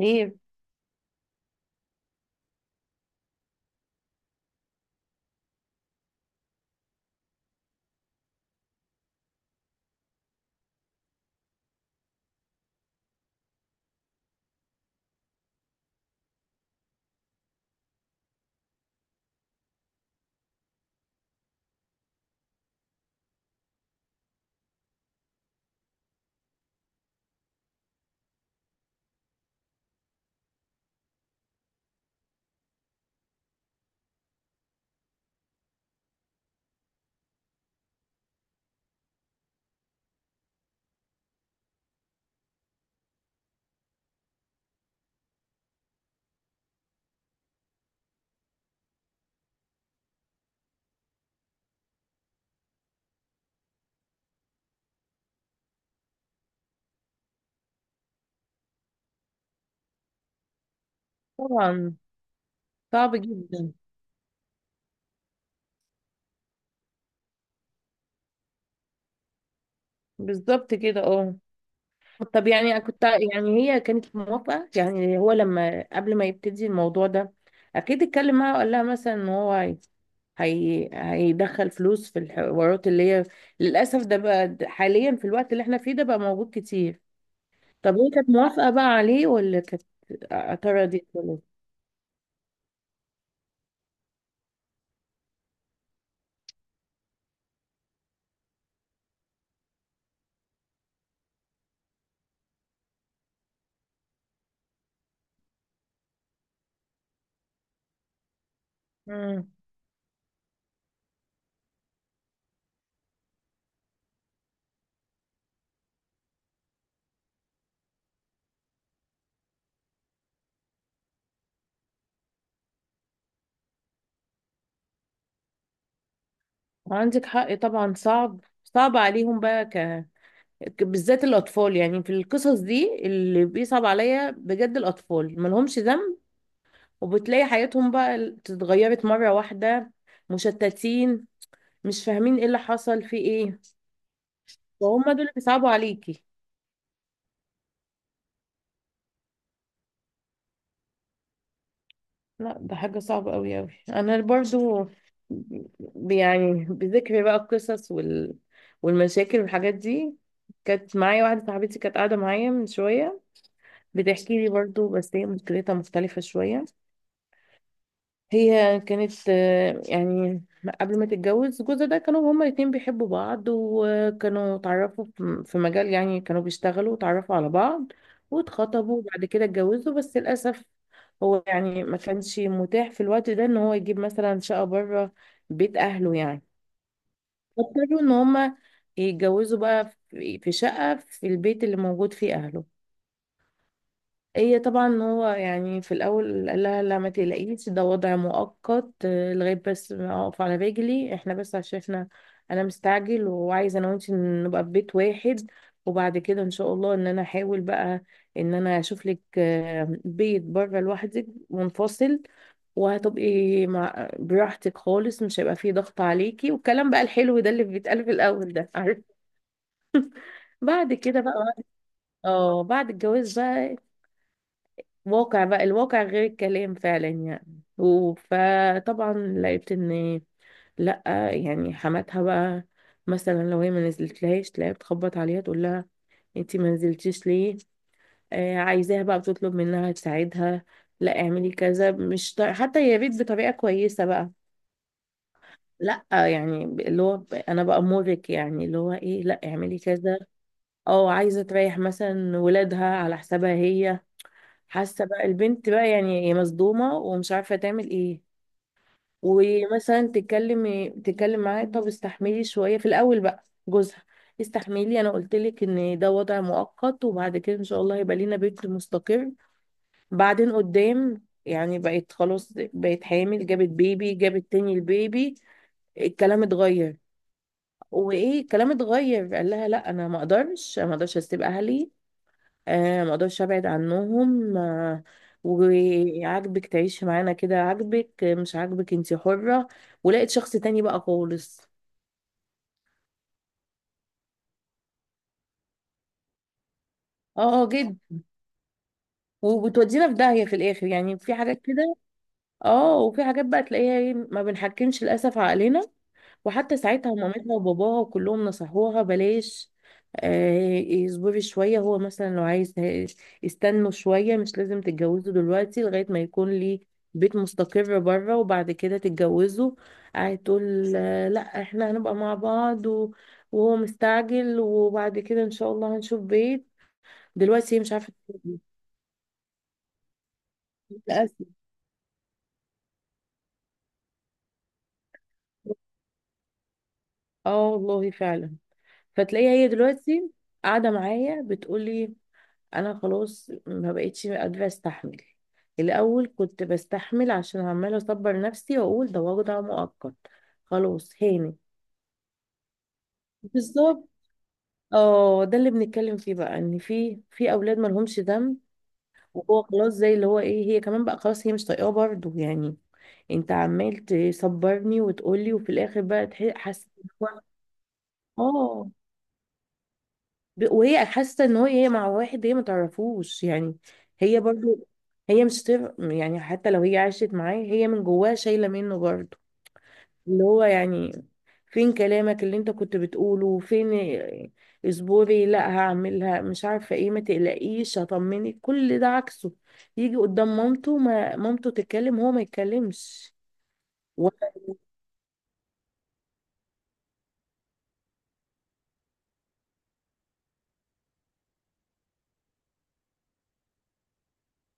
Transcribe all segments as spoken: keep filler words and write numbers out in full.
ايه؟ طبعا. صعب جدا. بالظبط كده، اه. طب يعني كنت يعني هي كانت موافقة؟ يعني هو لما قبل ما يبتدي الموضوع ده اكيد اتكلم معاها وقال لها مثلا ان هو هي هي- هيدخل فلوس في الحوارات اللي هي للاسف ده بقى، د- حاليا في الوقت اللي احنا فيه ده بقى موجود كتير. طب هي كانت موافقة بقى عليه، ولا كانت اعترضت ولا؟ مم. عندك حق، طبعا صعب. صعب عليهم بقى ك بالذات الاطفال. يعني في القصص دي اللي بيصعب عليا بجد، الاطفال ملهمش ذنب، وبتلاقي حياتهم بقى اتغيرت مره واحده، مشتتين، مش فاهمين ايه اللي حصل في ايه، وهم دول اللي بيصعبوا عليكي. لا، ده حاجه صعبه قوي قوي. انا برضو ب- يعني بذكر بقى القصص وال... والمشاكل والحاجات دي، كانت معايا واحده صاحبتي كانت قاعده معايا من شويه، بتحكي لي برضو، بس هي مشكلتها مختلفه شويه. هي كانت آه، يعني قبل ما تتجوز جوزها ده كانوا هما الاتنين بيحبوا بعض، وكانوا اتعرفوا في في مجال، يعني كانوا بيشتغلوا واتعرفوا على بعض، واتخطبوا وبعد كده اتجوزوا. بس للأسف هو يعني ما كانش متاح في الوقت ده ان هو يجيب مثلا شقة بره بيت اهله يعني، فاضطروا ان هما يتجوزوا بقى في في شقة في البيت اللي موجود فيه اهله. هي طبعا هو يعني في الاول قال لها: لا ما تقلقيش، ده وضع مؤقت، آه، لغايه بس ما اقف على رجلي. احنا بس عشان احنا انا مستعجل، وعايزه انا وانت نبقى في بيت واحد، وبعد كده ان شاء الله ان انا احاول بقى ان انا اشوف لك آه، بيت بره لوحدك منفصل، وهتبقي مع براحتك خالص، مش هيبقى فيه ضغط عليكي. والكلام بقى الحلو ده اللي بيتقال في الاول ده، عارف؟ بعد كده بقى، اه، بعد الجواز بقى واقع بقى، الواقع غير الكلام فعلا يعني و- فطبعا لقيت ان لا، يعني حماتها بقى مثلا لو هي ما نزلتلهاش تلاقيها بتخبط عليها، تقول لها: انتي ما نزلتيش ليه؟ آه عايزاها بقى، بتطلب منها تساعدها: لا اعملي كذا. مش ط... حتى يا ريت بطريقة كويسة بقى، لا يعني ب- اللي هو ب- انا بأمرك، يعني اللي هو ايه، لا اعملي كذا. او عايزة تريح مثلا ولادها على حسابها هي. حاسه بقى البنت بقى، يعني هي مصدومه ومش عارفه تعمل ايه. ومثلا تتكلم، تتكلم معاه: طب استحملي شويه في الاول بقى. جوزها: استحملي، انا قلت لك ان ده وضع مؤقت، وبعد كده ان شاء الله هيبقى لينا بيت مستقر. بعدين قدام يعني بقت خلاص، بقت حامل، جابت بيبي، جابت تاني البيبي. الكلام اتغير. وايه؟ الكلام اتغير. قال لها: لا انا ما اقدرش، أنا ما اقدرش اسيب اهلي، آه ما اقدرش ابعد عنهم آه وعاجبك تعيشي معانا كده، عاجبك آه، مش عاجبك انتي حرة، ولقيت شخص تاني بقى خالص. اه، اه، جد. وبتودينا في داهية في الاخر يعني، في حاجات كده. اه. وفي حاجات بقى تلاقيها ايه، ما بنحكمش للاسف عقلنا. وحتى ساعتها مامتها وباباها كلهم نصحوها: بلاش، آه، اصبري شوية، هو مثلا لو عايز ه- استنوا شوية، مش لازم تتجوزوا دلوقتي لغاية ما يكون ليه بيت مستقر بره، وبعد كده تتجوزوا. قاعد تقول آه، لا احنا هنبقى مع بعض و- وهو مستعجل، وبعد كده ان شاء الله هنشوف بيت. دلوقتي هي مش عارفة تتجوز. للأسف. اه، والله فعلا. فتلاقيها هي دلوقتي قاعدة معايا بتقولي: انا خلاص ما بقتش قادره استحمل، الاول كنت بستحمل عشان عماله اصبر نفسي واقول ده وجع مؤقت، خلاص هاني. بالظبط. اه، ده اللي بنتكلم فيه بقى، ان في في اولاد ما لهمش ذنب. وهو خلاص زي اللي هو ايه، هي كمان بقى خلاص هي مش طايقاه برضه يعني. انت عمال تصبرني وتقولي، وفي الاخر بقى تح- حاسه إن هو، ب- وهي حاسه ان هو- هي مع واحد هي ما تعرفوش يعني. هي برضو، هي مش تف... يعني حتى لو هي عاشت معاه هي من جواها شايله منه برضو. اللي هو يعني، فين كلامك اللي انت كنت بتقوله فين؟ اصبري، لا هعملها، مش عارفه ايه، ما تقلقيش، هطمنك، كل ده عكسه. يجي قدام مامته ما مامته تتكلم هو ما يتكلمش.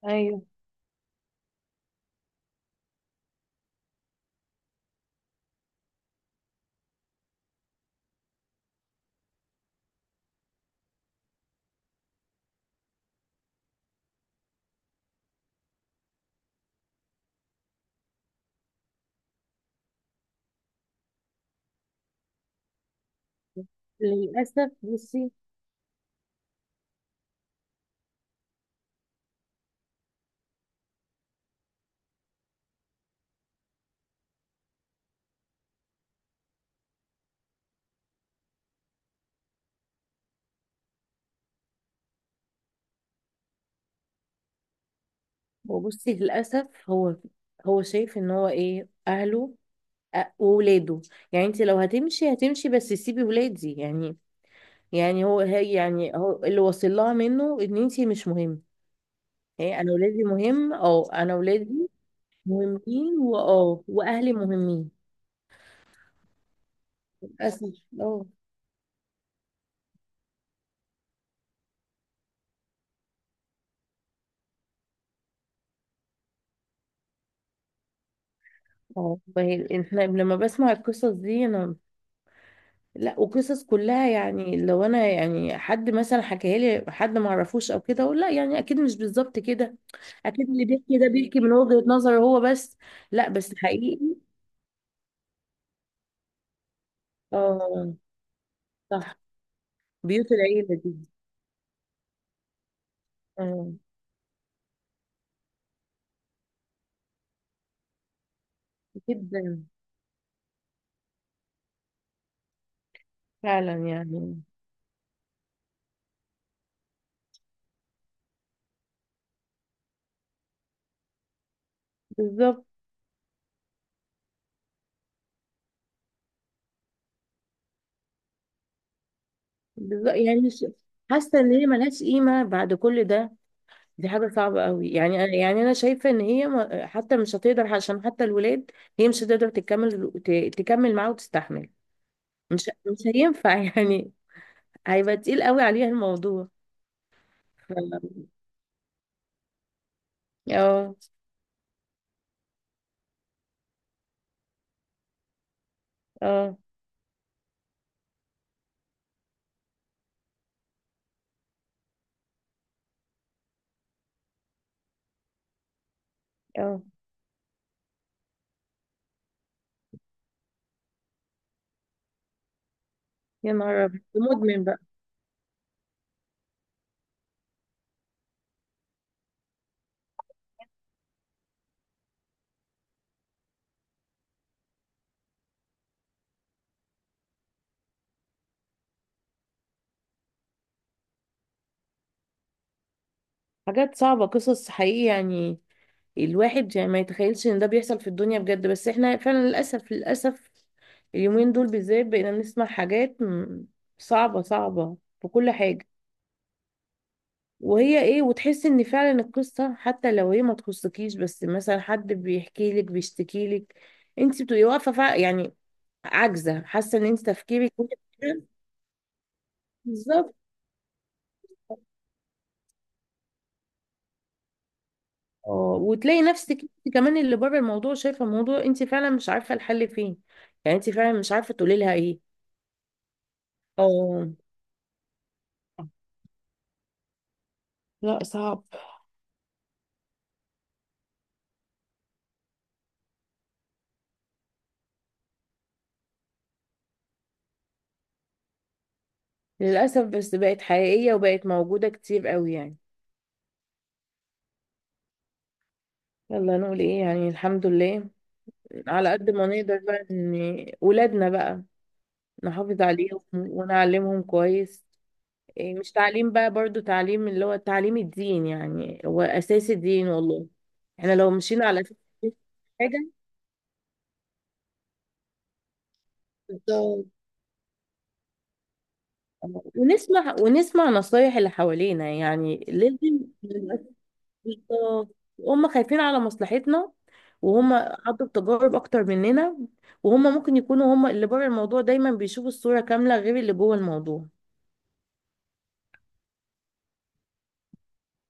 ايوه. وللاسف بصي. وبصي للاسف هو، هو شايف ان هو ايه، اهله أ- وولاده، يعني انت لو هتمشي، هتمشي، بس سيبي ولادي يعني. يعني هو هي، يعني هو اللي واصل لها منه ان انت مش مهم. هي انا ولادي مهم، اه، انا ولادي مهمين، واه، واهلي مهمين. للاسف. اه. اه، فهي احنا لما بسمع القصص دي انا، لا، وقصص كلها يعني، لو انا يعني حد مثلا حكاها لي حد ما اعرفوش او كده اقول لا يعني اكيد مش بالظبط كده. اكيد اللي بيحكي ده بيحكي من وجهة نظره هو بس. لا بس حقيقي. اه. صح. بيوت العيلة دي. آه. جدا. فعلا يعني. بالظبط. بالظبط، يعني ش- حاسة ان هي ملهاش قيمة بعد كل ده. دي حاجة صعبة قوي يعني. أنا- يعني انا شايفة ان هي ما- حتى مش هتقدر، عشان حتى الولاد هي مش هتقدر تكمل ت- تكمل معاه وتستحمل. مش مش هينفع يعني، هيبقى تقيل قوي عليها الموضوع. ف- اه. اه، اه، يا نهار أبيض. مدمن بقى. حاجات صعبة، قصص حقيقي يعني. الواحد يعني ما يتخيلش ان ده بيحصل في الدنيا بجد. بس احنا فعلا للأسف، للأسف اليومين دول بالذات بقينا نسمع حاجات م- صعبة، صعبة، في كل حاجة. وهي ايه، وتحس ان فعلا القصة حتى لو هي ما تخصكيش، بس مثلا حد بيحكي لك، بيشتكي لك، انت بتبقي واقفة فع- يعني عاجزة، حاسة ان انت تفكيرك. بالظبط. اه، وتلاقي نفسك انت كمان اللي بره الموضوع شايفه الموضوع، انت فعلا مش عارفه الحل فين. يعني انت فعلا مش عارفه تقولي لها ايه. اه. لا، صعب. للاسف بس بقت حقيقيه وبقت موجوده كتير قوي يعني. يلا نقول ايه يعني، الحمد لله. على قد ما نقدر بقى ان ولادنا بقى نحافظ عليهم ونعلمهم كويس. إيه، مش تعليم بقى برضو، تعليم اللي هو تعليم الدين يعني، هو اساس الدين والله. احنا لو مشينا على أساس الدين، في حاجه. ونسمع ونسمع نصايح اللي حوالينا يعني لازم. بالظبط. هم خايفين على مصلحتنا، وهم عدوا بتجارب اكتر مننا، وهم ممكن يكونوا هم اللي بره الموضوع دايما بيشوفوا الصورة كاملة غير اللي جوه الموضوع.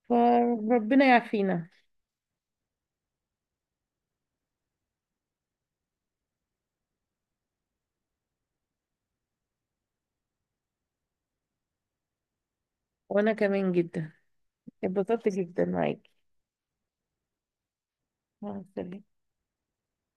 فربنا يعافينا. وانا كمان جدا اتبسطت جدا معاكي. مع السلامة.